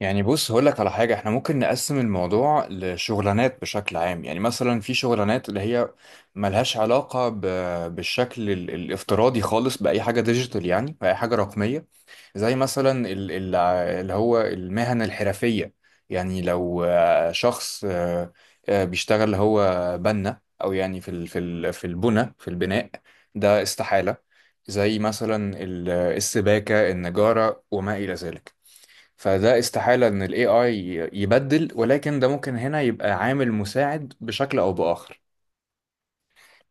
يعني بص هقول لك على حاجة، احنا ممكن نقسم الموضوع لشغلانات بشكل عام، يعني مثلا في شغلانات اللي هي ملهاش علاقة بالشكل الافتراضي خالص بأي حاجة ديجيتال، يعني بأي حاجة رقمية. زي مثلا اللي هو المهن الحرفية. يعني لو شخص بيشتغل اللي هو بنا، أو يعني في ال- في ال- في البنى في البناء، ده استحالة. زي مثلا السباكة، النجارة وما إلى ذلك. فده استحالة ان ال AI يبدل، ولكن ده ممكن هنا يبقى عامل مساعد بشكل او باخر.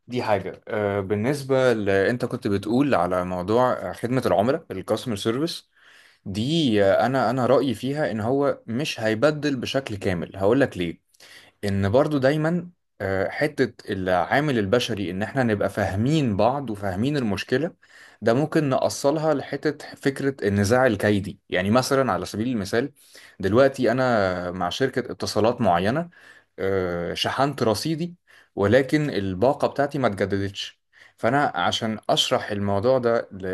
دي حاجة. بالنسبة انت كنت بتقول على موضوع خدمة العملاء، الكاستمر سيرفيس. دي، انا رأيي فيها ان هو مش هيبدل بشكل كامل، هقول لك ليه. ان برضو دايما حتة العامل البشري، ان احنا نبقى فاهمين بعض وفاهمين المشكلة. ده ممكن نقصلها لحتة فكرة النزاع الكيدي. يعني مثلا على سبيل المثال، دلوقتي انا مع شركة اتصالات معينة، شحنت رصيدي ولكن الباقة بتاعتي ما اتجددتش. فأنا عشان أشرح الموضوع ده ل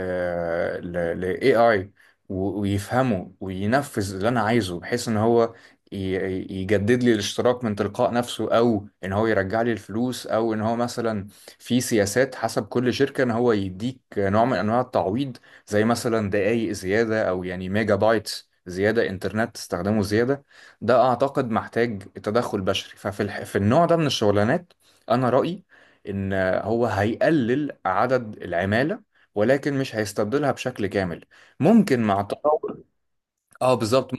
ل ل AI، ويفهمه وينفذ اللي أنا عايزه، بحيث إن هو يجدد لي الاشتراك من تلقاء نفسه، أو إن هو يرجع لي الفلوس، أو إن هو مثلا، في سياسات حسب كل شركة، إن هو يديك نوع من أنواع التعويض. زي مثلا دقايق زيادة، أو يعني ميجا بايتس زيادة، إنترنت تستخدمه زيادة. ده اعتقد محتاج تدخل بشري. في النوع ده من الشغلانات، انا رأيي ان هو هيقلل عدد العمالة، ولكن مش هيستبدلها بشكل كامل. ممكن مع التطور. اه بالظبط.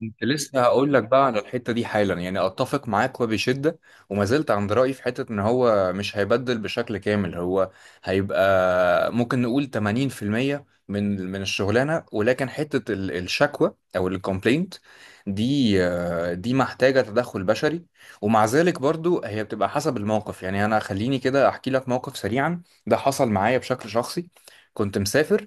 كنت لسه هقول لك بقى على الحته دي حالا، يعني اتفق معاك وبشده، وما زلت عند رايي في حته ان هو مش هيبدل بشكل كامل. هو هيبقى ممكن نقول 80% من الشغلانه، ولكن حته الشكوى او الكومبلينت دي، دي محتاجه تدخل بشري. ومع ذلك برضو هي بتبقى حسب الموقف. يعني انا خليني كده احكي لك موقف سريعا، ده حصل معايا بشكل شخصي. كنت مسافر،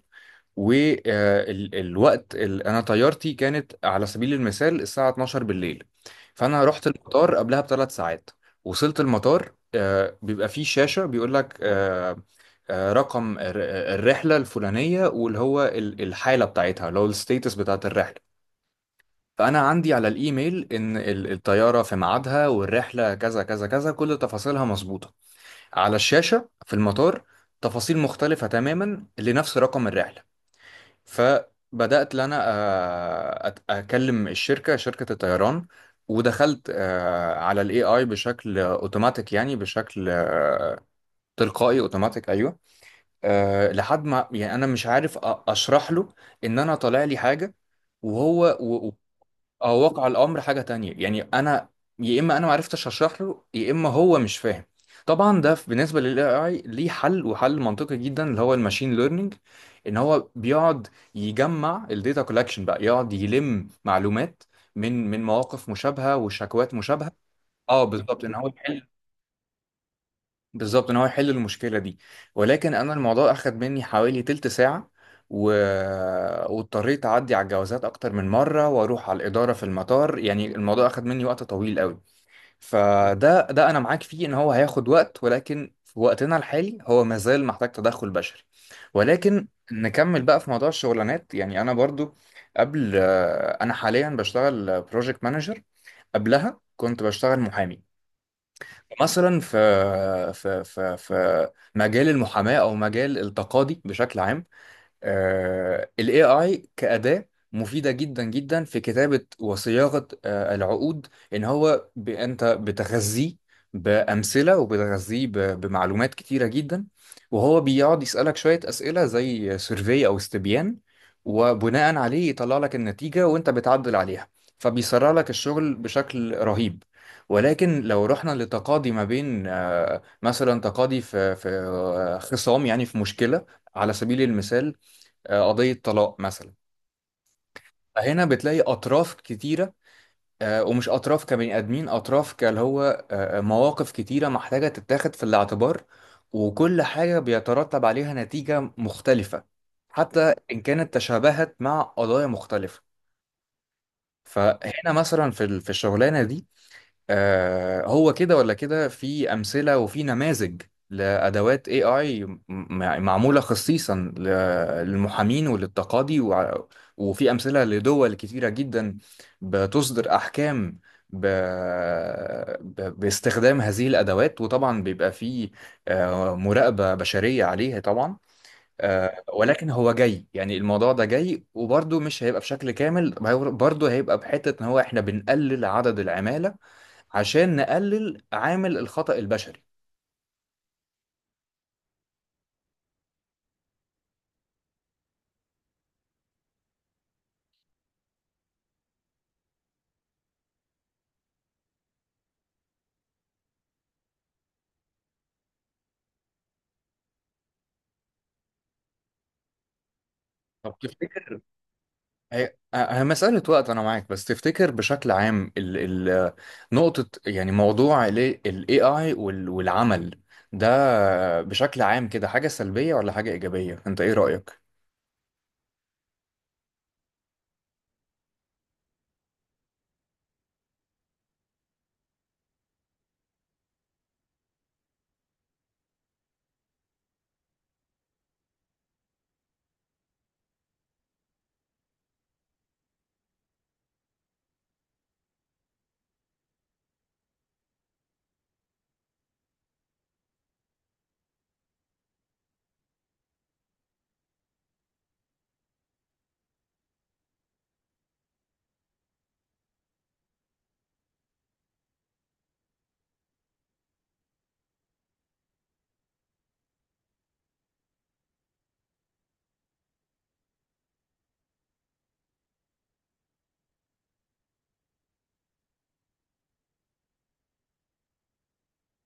والوقت اللي انا طيارتي كانت على سبيل المثال الساعة 12 بالليل. فانا رحت المطار قبلها بثلاث ساعات. وصلت المطار، بيبقى فيه شاشة بيقول لك رقم الرحلة الفلانية، واللي هو الحالة بتاعتها، اللي هو الستيتس بتاعت الرحلة. فأنا عندي على الإيميل إن الطيارة في ميعادها والرحلة كذا كذا كذا، كل تفاصيلها مظبوطة. على الشاشة في المطار، تفاصيل مختلفة تماما لنفس رقم الرحلة. فبدأت ان انا اكلم الشركة، شركة الطيران، ودخلت على الاي اي بشكل اوتوماتيك، يعني بشكل تلقائي، اوتوماتيك، ايوه. لحد ما يعني انا مش عارف اشرح له ان انا طالع لي حاجة، وهو واقع الامر حاجه تانية. يعني انا، يا اما انا ما عرفتش اشرح له، يا اما هو مش فاهم. طبعا ده بالنسبه للاي اي ليه حل، وحل منطقي جدا، اللي هو الماشين ليرنينج. ان هو بيقعد يجمع الداتا كولكشن، بقى يقعد يلم معلومات من مواقف مشابهه وشكوات مشابهه. اه بالظبط ان هو يحل، المشكله دي. ولكن انا الموضوع اخد مني حوالي تلت ساعه و... واضطريت اعدي على الجوازات اكتر من مره واروح على الاداره في المطار. يعني الموضوع اخد مني وقت طويل قوي. فده، ده انا معاك فيه ان هو هياخد وقت، ولكن في وقتنا الحالي هو مازال محتاج تدخل بشري. ولكن نكمل بقى في موضوع الشغلانات. يعني انا برضو، قبل، انا حاليا بشتغل بروجكت مانجر، قبلها كنت بشتغل محامي. مثلا في مجال المحاماه او مجال التقاضي بشكل عام، ال AI كأداة مفيدة جدا جدا في كتابة وصياغة العقود. إن هو أنت بتغذيه بأمثلة وبتغذيه بمعلومات كتيرة جدا. وهو بيقعد يسألك شوية أسئلة زي سيرفي أو استبيان، وبناء عليه يطلع لك النتيجة وأنت بتعدل عليها. فبيسرع لك الشغل بشكل رهيب. ولكن لو رحنا لتقاضي ما بين مثلا تقاضي في خصام، يعني في مشكلة. على سبيل المثال، قضية طلاق مثلا، فهنا بتلاقي أطراف كتيرة، ومش أطراف كبني آدمين، أطراف كاللي هو، مواقف كتيرة محتاجة تتاخد في الاعتبار، وكل حاجة بيترتب عليها نتيجة مختلفة، حتى إن كانت تشابهت مع قضايا مختلفة. فهنا مثلا في الشغلانة دي، هو كده ولا كده، في أمثلة وفي نماذج لأدوات AI معمولة خصيصا للمحامين وللتقاضي وفي أمثلة لدول كتيرة جدا، بتصدر أحكام ب... باستخدام هذه الأدوات. وطبعا بيبقى في مراقبة بشرية عليها طبعا. ولكن هو جاي، يعني الموضوع ده جاي، وبرضه مش هيبقى بشكل كامل. برضه هيبقى بحتة إن هو إحنا بنقلل عدد العمالة عشان نقلل عامل الخطأ البشري. طب تفتكر، هي مسألة وقت، أنا معاك، بس تفتكر بشكل عام، ال نقطة، يعني موضوع ال AI والعمل ده بشكل عام كده، حاجة سلبية ولا حاجة إيجابية؟ أنت إيه رأيك؟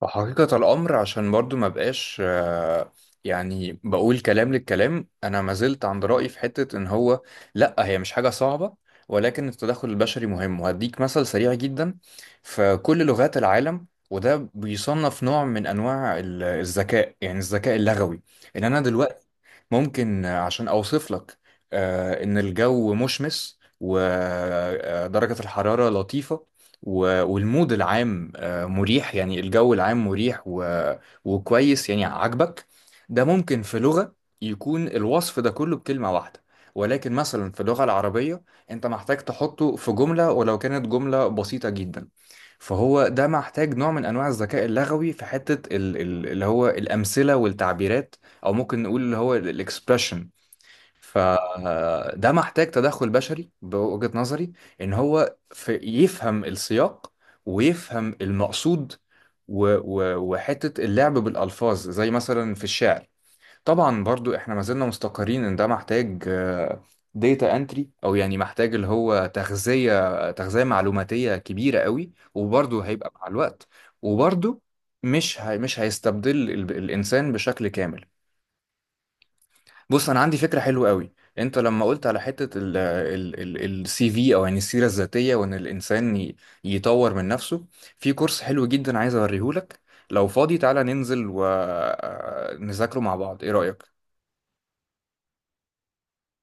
حقيقة الأمر، عشان برضو ما بقاش يعني بقول كلام للكلام، أنا ما زلت عند رأيي في حتة إن هو، لأ، هي مش حاجة صعبة. ولكن التدخل البشري مهم، وهديك مثل سريع جدا. في كل لغات العالم، وده بيصنف نوع من أنواع الذكاء، يعني الذكاء اللغوي. إن أنا دلوقتي ممكن عشان أوصف لك إن الجو مشمس ودرجة الحرارة لطيفة، والمود العام مريح، يعني الجو العام مريح وكويس، يعني عاجبك. ده ممكن في لغة يكون الوصف ده كله بكلمة واحدة، ولكن مثلا في اللغة العربية، أنت محتاج تحطه في جملة ولو كانت جملة بسيطة جدا. فهو ده محتاج نوع من أنواع الذكاء اللغوي في حتة اللي هو الأمثلة والتعبيرات، او ممكن نقول اللي هو الاكسبريشن. فده محتاج تدخل بشري بوجهة نظري، ان هو في يفهم السياق ويفهم المقصود، و و وحتة اللعب بالالفاظ، زي مثلا في الشعر. طبعا برضو احنا ما زلنا مستقرين ان ده محتاج ديتا انتري، او يعني محتاج اللي هو تغذية تغذية معلوماتية كبيرة قوي، وبرضو هيبقى مع الوقت. وبرضو، مش هيستبدل الانسان بشكل كامل. بص انا عندي فكره حلوه قوي. انت لما قلت على حته السي في، او يعني السيره الذاتيه، وان الانسان يطور من نفسه، في كورس حلو جدا عايز اوريهولك. لو فاضي تعالى ننزل ونذاكره مع بعض، ايه رايك؟